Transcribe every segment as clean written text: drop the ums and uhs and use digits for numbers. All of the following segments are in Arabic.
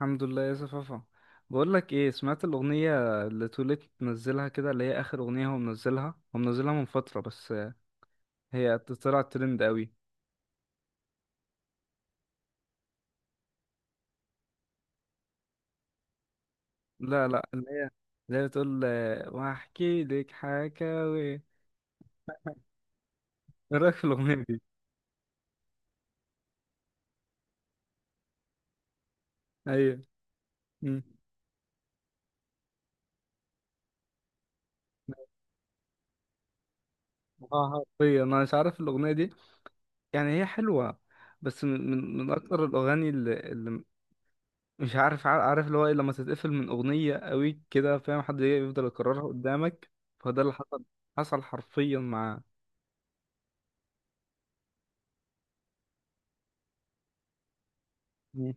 الحمد لله يا صفافة. بقول لك ايه، سمعت الاغنيه اللي توليت منزلها كده، اللي هي اخر اغنيه هو منزلها هو منزلها من فتره بس؟ هي طلعت ترند قوي. لا اللي هي، اللي هي بتقول واحكي لك حكاوي؟ ايه رايك في الاغنيه دي؟ ايوه. مم. اه حرفيا انا مش عارف الاغنيه دي. يعني هي حلوه، بس من اكتر الاغاني اللي مش عارف عارف اللي هو ايه لما تتقفل من اغنيه قوي كده، فاهم؟ حد يفضل يكررها قدامك. فده اللي حصل، حصل حرفيا مع مم.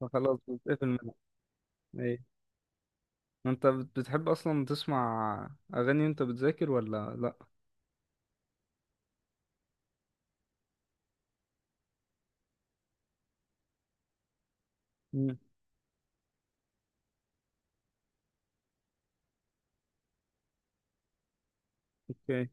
فخلاص بتتقفل منها. ايه، انت بتحب اصلا تسمع اغاني وانت بتذاكر ولا لا؟ مم. اوكي.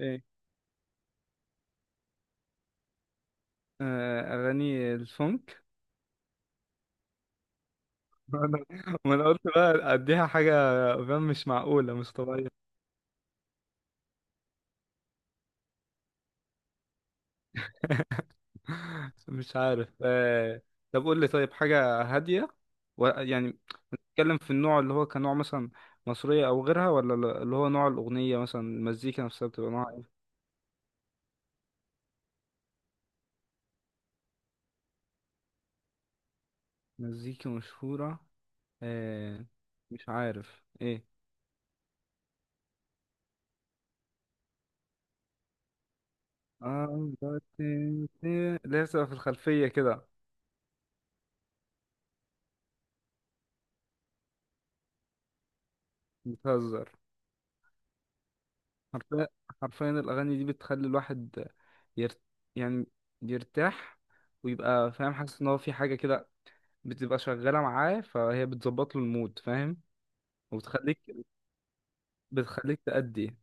ايه؟ آه، اغاني الفونك. وأنا قلت بقى اديها حاجه، فاهم؟ مش معقوله، مش طبيعيه. مش عارف. طب قول لي، طيب، حاجه هاديه يعني بتتكلم في النوع اللي هو كنوع مثلا مصرية أو غيرها، ولا اللي هو نوع الأغنية، مثلا المزيكا نفسها بتبقى نوع إيه؟ مزيكا مشهورة. آه. مش عارف إيه. آه، اللي هي بتبقى في الخلفية كده. بتهزر. حرفيا، حرفيا الأغاني دي بتخلي الواحد يرت... يعني يرتاح، ويبقى فاهم، حاسس إن هو في حاجة كده بتبقى شغالة معاه، فهي بتظبط له المود، فاهم؟ وبتخليك، بتخليك تأدي.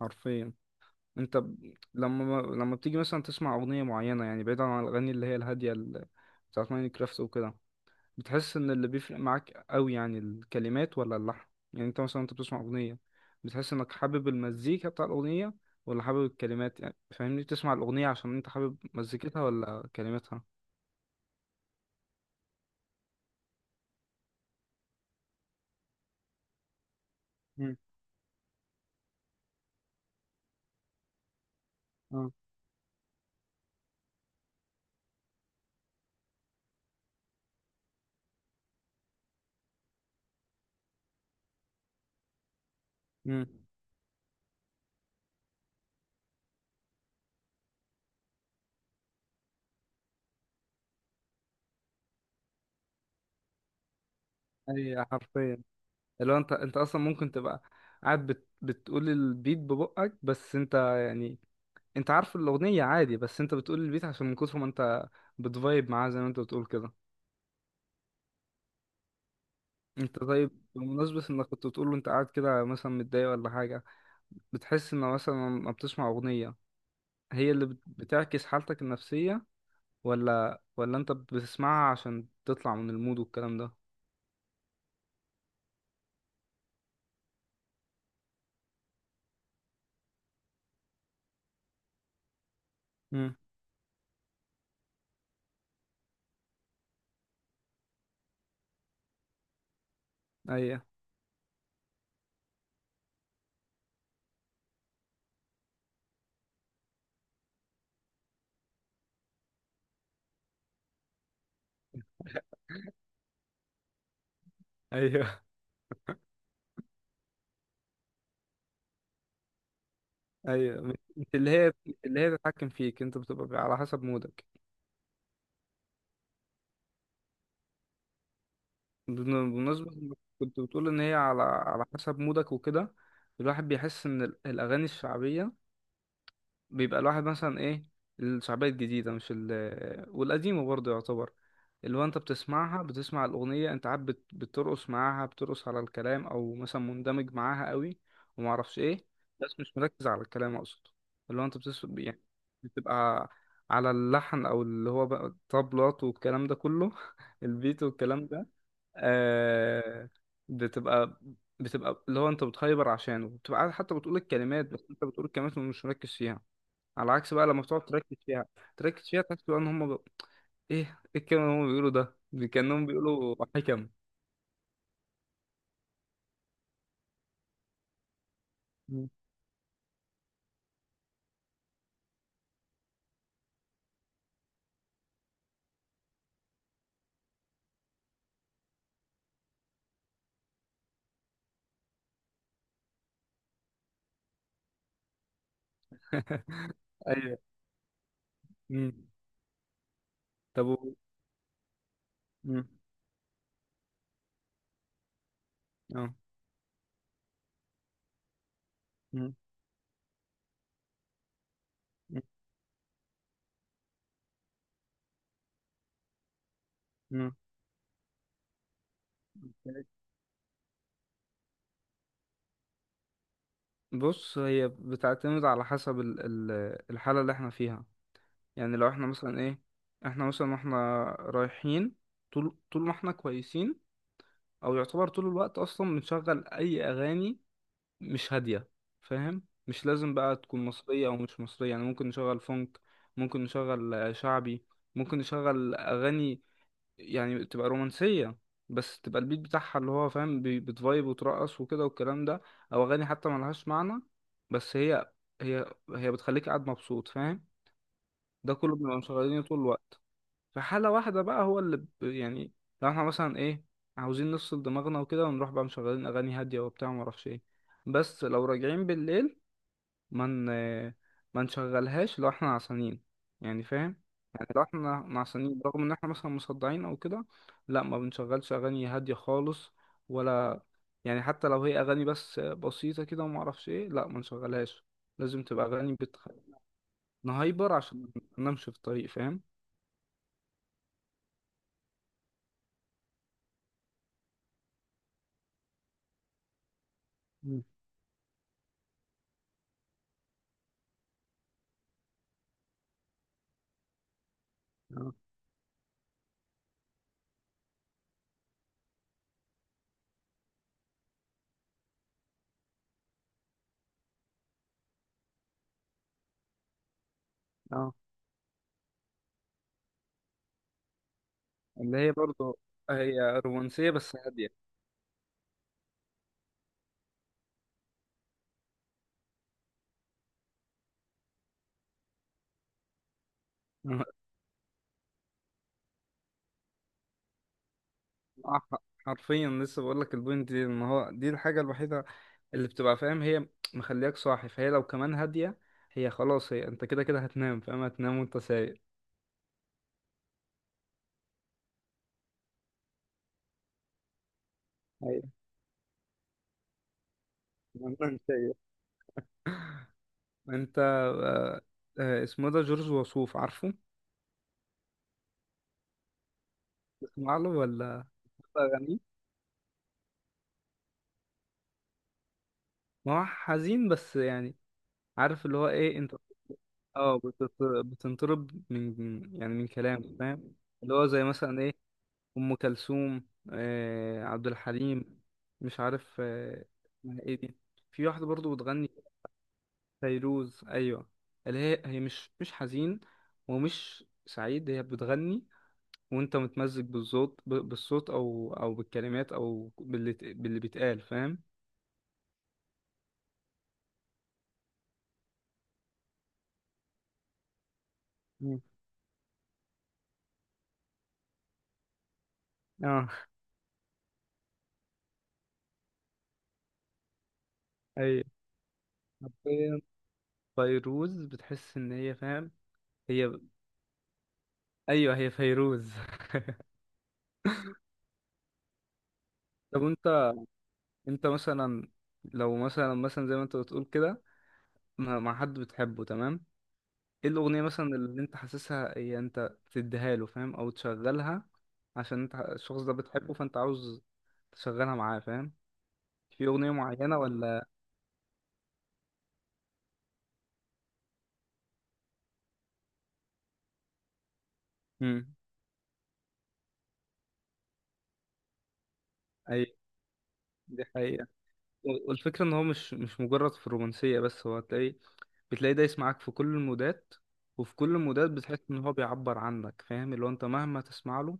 حرفيا. انت لما بتيجي مثلا تسمع اغنيه معينه، يعني بعيدا عن الاغاني اللي هي الهاديه بتاعت ماينكرافت وكده، بتحس ان اللي بيفرق معاك قوي يعني الكلمات ولا اللحن؟ يعني انت مثلا بتسمع اغنيه، بتحس انك حابب المزيكا بتاع الاغنيه، ولا حابب الكلمات؟ يعني فاهمني، بتسمع الاغنيه عشان انت حابب مزيكتها ولا كلماتها؟ مم. اه. امم. اي حرفيا. اللي هو انت اصلا ممكن تبقى قاعد بتقول البيت ببقك بس انت يعني، انت عارف الاغنيه عادي، بس انت بتقول البيت عشان من كتر ما انت بتفايب معاه زي ما انت بتقول كده. انت طيب، بمناسبة انك كنت بتقول له انت قاعد كده مثلا متضايق ولا حاجة، بتحس ان مثلا لما بتسمع اغنية، هي اللي بتعكس حالتك النفسية، ولا انت بتسمعها عشان تطلع من المود والكلام ده؟ امم. ايوه. ايوه. ايوه، مش اللي هي تتحكم فيك، انت بتبقى على حسب مودك. بمناسبة إنك كنت بتقول إن هي على حسب مودك وكده، الواحد بيحس إن الأغاني الشعبية، بيبقى الواحد مثلا إيه، الشعبية الجديدة مش ال، والقديمة برضه يعتبر، اللي هو أنت بتسمعها، بتسمع الأغنية أنت عاد بترقص معاها، بترقص على الكلام، أو مثلا مندمج معاها قوي ومعرفش إيه، بس مش مركز على الكلام أقصد. اللي هو أنت بتس، يعني بتبقى على اللحن، أو اللي هو بقى الطبلات والكلام ده كله، البيت والكلام ده. آه، بتبقى، بتبقى اللي هو انت بتهايبر عشانه، بتبقى قاعد حتى بتقول الكلمات، بس انت بتقول الكلمات ومش مركز فيها. على عكس بقى لما بتقعد تركز فيها، تركز فيها تحس بقى ان هم بقى ايه، ايه الكلمه اللي هم بيقولوا ده، كانهم بيقولوا حكم. مم. ايوه. مم. طب مم. اه. مم. مم. مم. بص، هي بتعتمد على حسب الحالة اللي احنا فيها. يعني لو احنا مثلا ايه، احنا مثلا واحنا رايحين، طول ما احنا كويسين، او يعتبر طول الوقت اصلا بنشغل اي اغاني مش هاديه، فاهم؟ مش لازم بقى تكون مصريه او مش مصريه، يعني ممكن نشغل فونك، ممكن نشغل شعبي، ممكن نشغل اغاني يعني تبقى رومانسيه، بس تبقى البيت بتاعها اللي هو فاهم بتفايب وترقص وكده والكلام ده، او اغاني حتى ملهاش معنى، بس هي، هي هي بتخليك قاعد مبسوط، فاهم؟ ده كله بنبقى مشغلينه طول الوقت. في حالة واحدة بقى هو اللي يعني لو احنا مثلا ايه، عاوزين نفصل دماغنا وكده ونروح بقى مشغلين أغاني هادية وبتاع ومعرفش ايه، بس لو راجعين بالليل ما من... ما نشغلهاش لو احنا عصانين، يعني فاهم، يعني لو احنا نعسانين رغم ان احنا مثلا مصدعين او كده، لا، ما بنشغلش أغاني هادية خالص ولا، يعني حتى لو هي أغاني بس بسيطة كده ومعرفش ايه، لا، ما نشغلهاش، لازم تبقى أغاني نهايبر عشان ما ننامش في الطريق، فاهم؟ مم. اه. اه. اللي هي برضه هي رومانسية بس هادية. آه، حرفيا لسه بقول لك، البوينت دي ان هو دي الحاجة الوحيدة اللي بتبقى فاهم هي مخلياك صاحي، فهي لو كمان هادية، هي خلاص هي انت كده كده هتنام، فاهم؟ هتنام وانت سايق. ايوه، انت سايق. انت، اسمه ده جورج وسوف، عارفه؟ تسمع له ولا؟ اغانيه، ما هو حزين، بس يعني عارف اللي هو ايه انت، اه بتط، بتنطرب من يعني من كلامه، فاهم؟ اللي هو زي مثلا ايه، ام كلثوم، عبد الحليم، مش عارف. اسمها ايه دي؟ في واحده برضو بتغني. فيروز، ايوه. اللي هي، هي مش حزين ومش سعيد، هي بتغني وانت متمزج بالصوت، بالصوت او بالكلمات، او باللي باللي بيتقال، فاهم؟ مم. اه. ايوه حرفيا، فيروز بتحس ان هي فاهم، هي ايوه هي فيروز. طب انت، انت مثلا لو مثلا، مثلا زي ما انت بتقول كده مع حد بتحبه، تمام؟ ايه الأغنية مثلا اللي انت حاسسها هي انت تديها له، فاهم؟ او تشغلها عشان انت الشخص ده بتحبه، فانت عاوز تشغلها معاه، فاهم؟ في أغنية معينة ولا؟ امم. اي، دي حقيقة. والفكرة ان هو مش مجرد في الرومانسية بس، هو هتلاقي، بتلاقي دايس معاك في كل المودات، وفي كل المودات بتحس ان هو بيعبر عنك، فاهم؟ اللي هو انت مهما تسمع له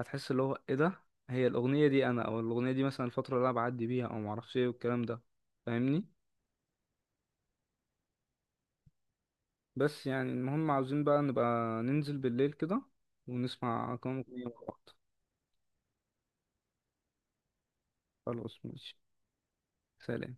هتحس اللي هو ايه ده، هي الأغنية دي انا، او الأغنية دي مثلا الفترة اللي انا بعدي بيها او معرفش ايه والكلام ده، فاهمني؟ بس يعني المهم، عاوزين بقى نبقى ننزل بالليل كده ونسمع كام أغنية مع بعض. خلاص، ماشي. سلام.